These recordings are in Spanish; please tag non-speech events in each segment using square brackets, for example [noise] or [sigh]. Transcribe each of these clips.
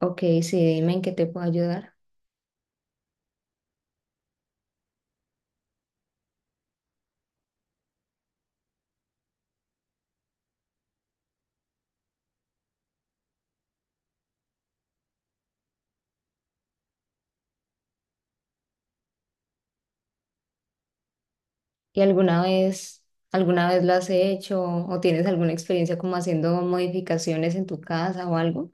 Ok, sí, dime en qué te puedo ayudar. ¿Y alguna vez lo has hecho o tienes alguna experiencia como haciendo modificaciones en tu casa o algo?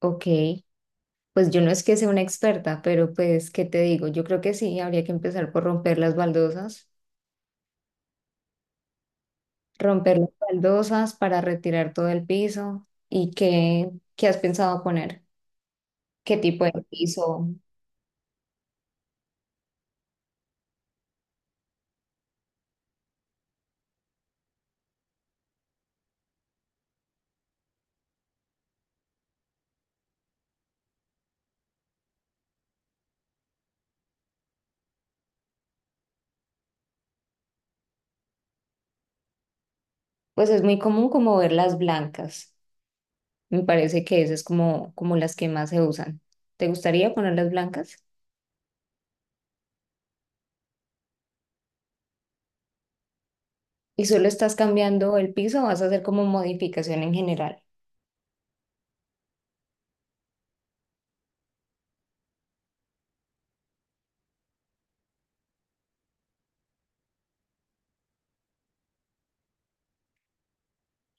Ok, pues yo no es que sea una experta, pero pues, ¿qué te digo? Yo creo que sí, habría que empezar por romper las baldosas para retirar todo el piso. ¿Y qué has pensado poner? ¿Qué tipo de piso? Pues es muy común como ver las blancas. Me parece que esas es como las que más se usan. ¿Te gustaría ponerlas blancas? Y solo estás cambiando el piso, o vas a hacer como modificación en general.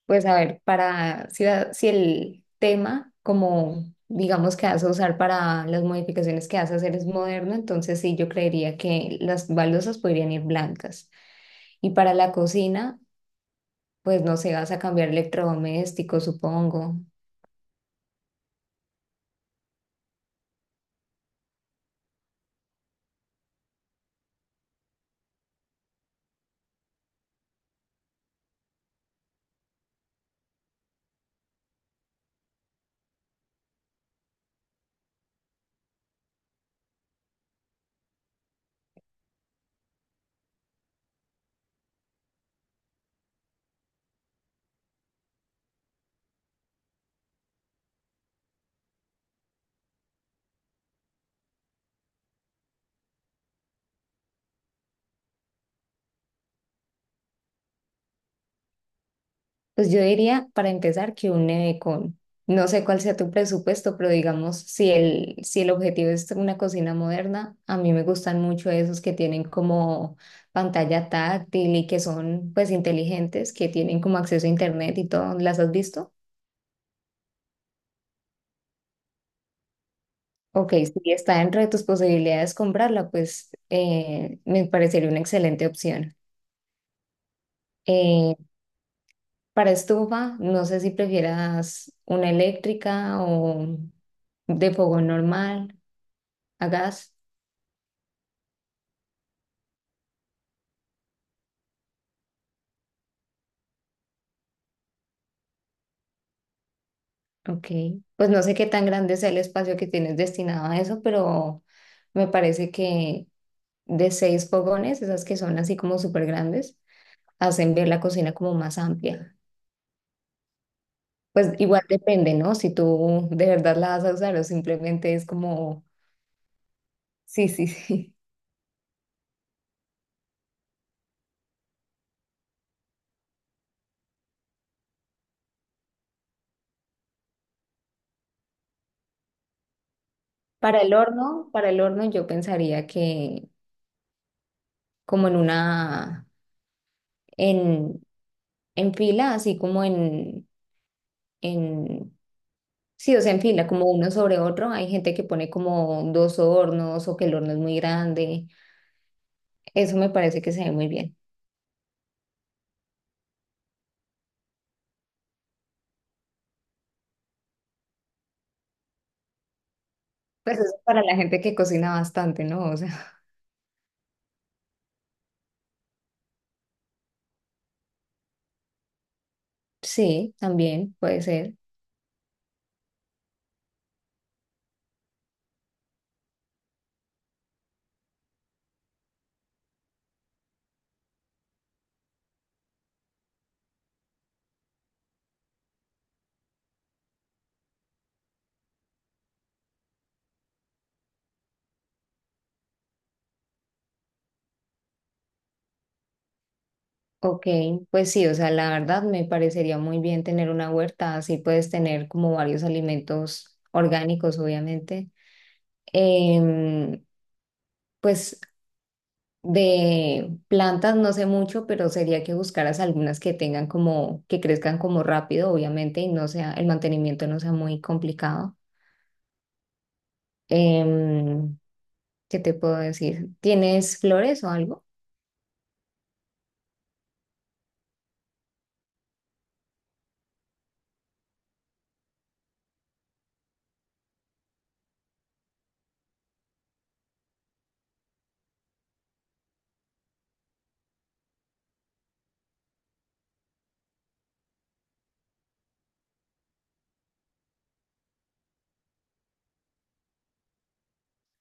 Pues a ver, para si el tema, como digamos que vas a usar para las modificaciones que vas a hacer es moderno, entonces sí, yo creería que las baldosas podrían ir blancas. Y para la cocina, pues no sé, vas a cambiar electrodomésticos, supongo. Pues yo diría, para empezar, que un nevecón. No sé cuál sea tu presupuesto, pero digamos, si el objetivo es una cocina moderna, a mí me gustan mucho esos que tienen como pantalla táctil y que son pues inteligentes, que tienen como acceso a internet y todo. ¿Las has visto? Ok, si está dentro de tus posibilidades comprarla, pues me parecería una excelente opción. Eh, para estufa, no sé si prefieras una eléctrica o de fogón normal. A gas, ok. Pues no sé qué tan grande sea el espacio que tienes destinado a eso, pero me parece que de 6 fogones, esas que son así como súper grandes, hacen ver la cocina como más amplia. Pues igual depende, ¿no? Si tú de verdad la vas a usar o simplemente es como, sí, sí, [laughs] sí. Para el horno yo pensaría que como en una, en, en fila, así como en sí, o sea, en fila, como uno sobre otro. Hay gente que pone como dos hornos o que el horno es muy grande. Eso me parece que se ve muy bien. Pues eso es para la gente que cocina bastante, ¿no? O sea, [laughs] sí, también puede ser. Ok, pues sí, o sea, la verdad me parecería muy bien tener una huerta. Así puedes tener como varios alimentos orgánicos, obviamente. Em, pues de plantas no sé mucho, pero sería que buscaras algunas que tengan como, que crezcan como rápido, obviamente, y no sea, el mantenimiento no sea muy complicado. Em, ¿Qué te puedo decir? ¿Tienes flores o algo?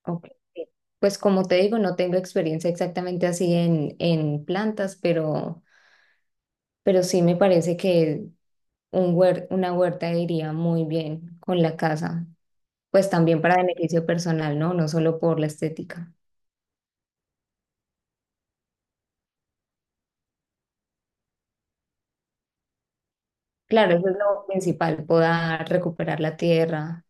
Ok. Pues como te digo, no tengo experiencia exactamente así en plantas, pero sí me parece que una huerta iría muy bien con la casa, pues también para beneficio personal, ¿no? No solo por la estética. Claro, eso es lo principal, podar, recuperar la tierra.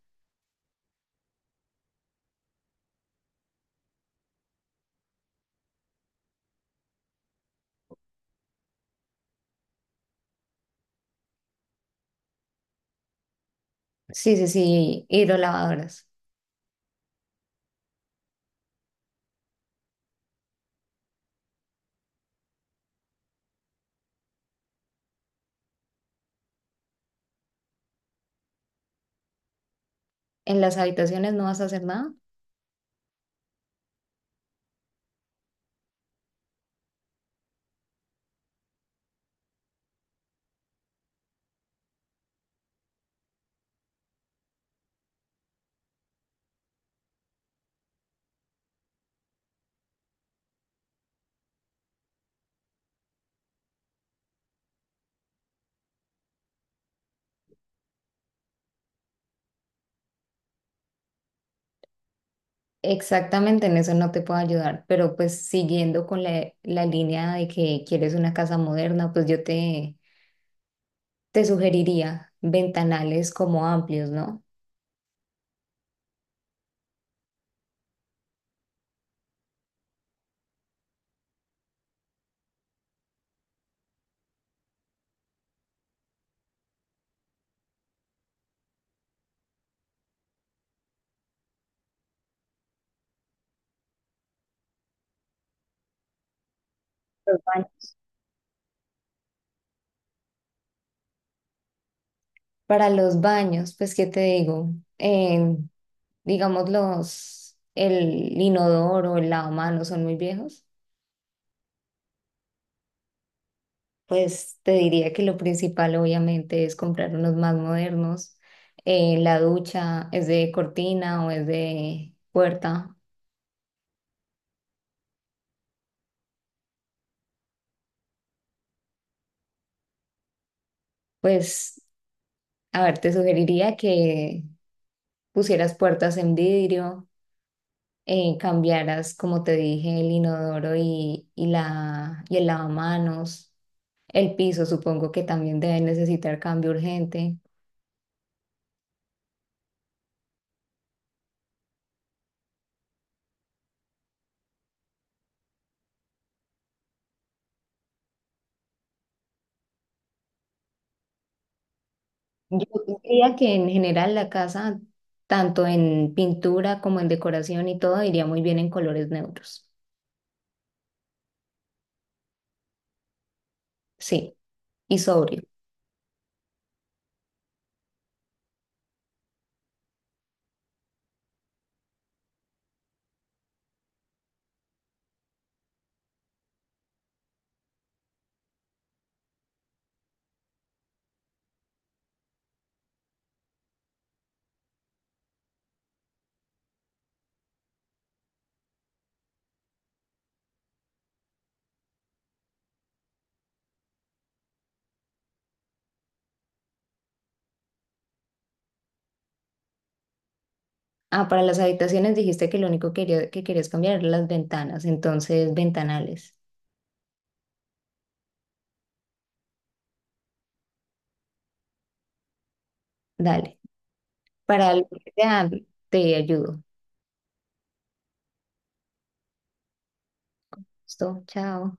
Sí, sí, sí, hidrolavadoras. En las habitaciones no vas a hacer nada. Exactamente en eso no te puedo ayudar, pero pues siguiendo con la línea de que quieres una casa moderna, pues yo te sugeriría ventanales como amplios, ¿no? Los baños. Para los baños, pues, ¿qué te digo? Eh, digamos, los, el inodoro o el lavamanos son muy viejos. Pues te diría que lo principal obviamente es comprar unos más modernos. La ducha es de cortina o es de puerta. Pues, a ver, te sugeriría que pusieras puertas en vidrio, cambiaras, como te dije, el inodoro y el lavamanos. El piso supongo que también debe necesitar cambio urgente. Yo diría que en general la casa, tanto en pintura como en decoración y todo, iría muy bien en colores neutros. Sí, y sobrio. Ah, para las habitaciones dijiste que lo único que que querías cambiar eran las ventanas, entonces ventanales. Dale. Para lo que sea, te ayudo. Listo, chao.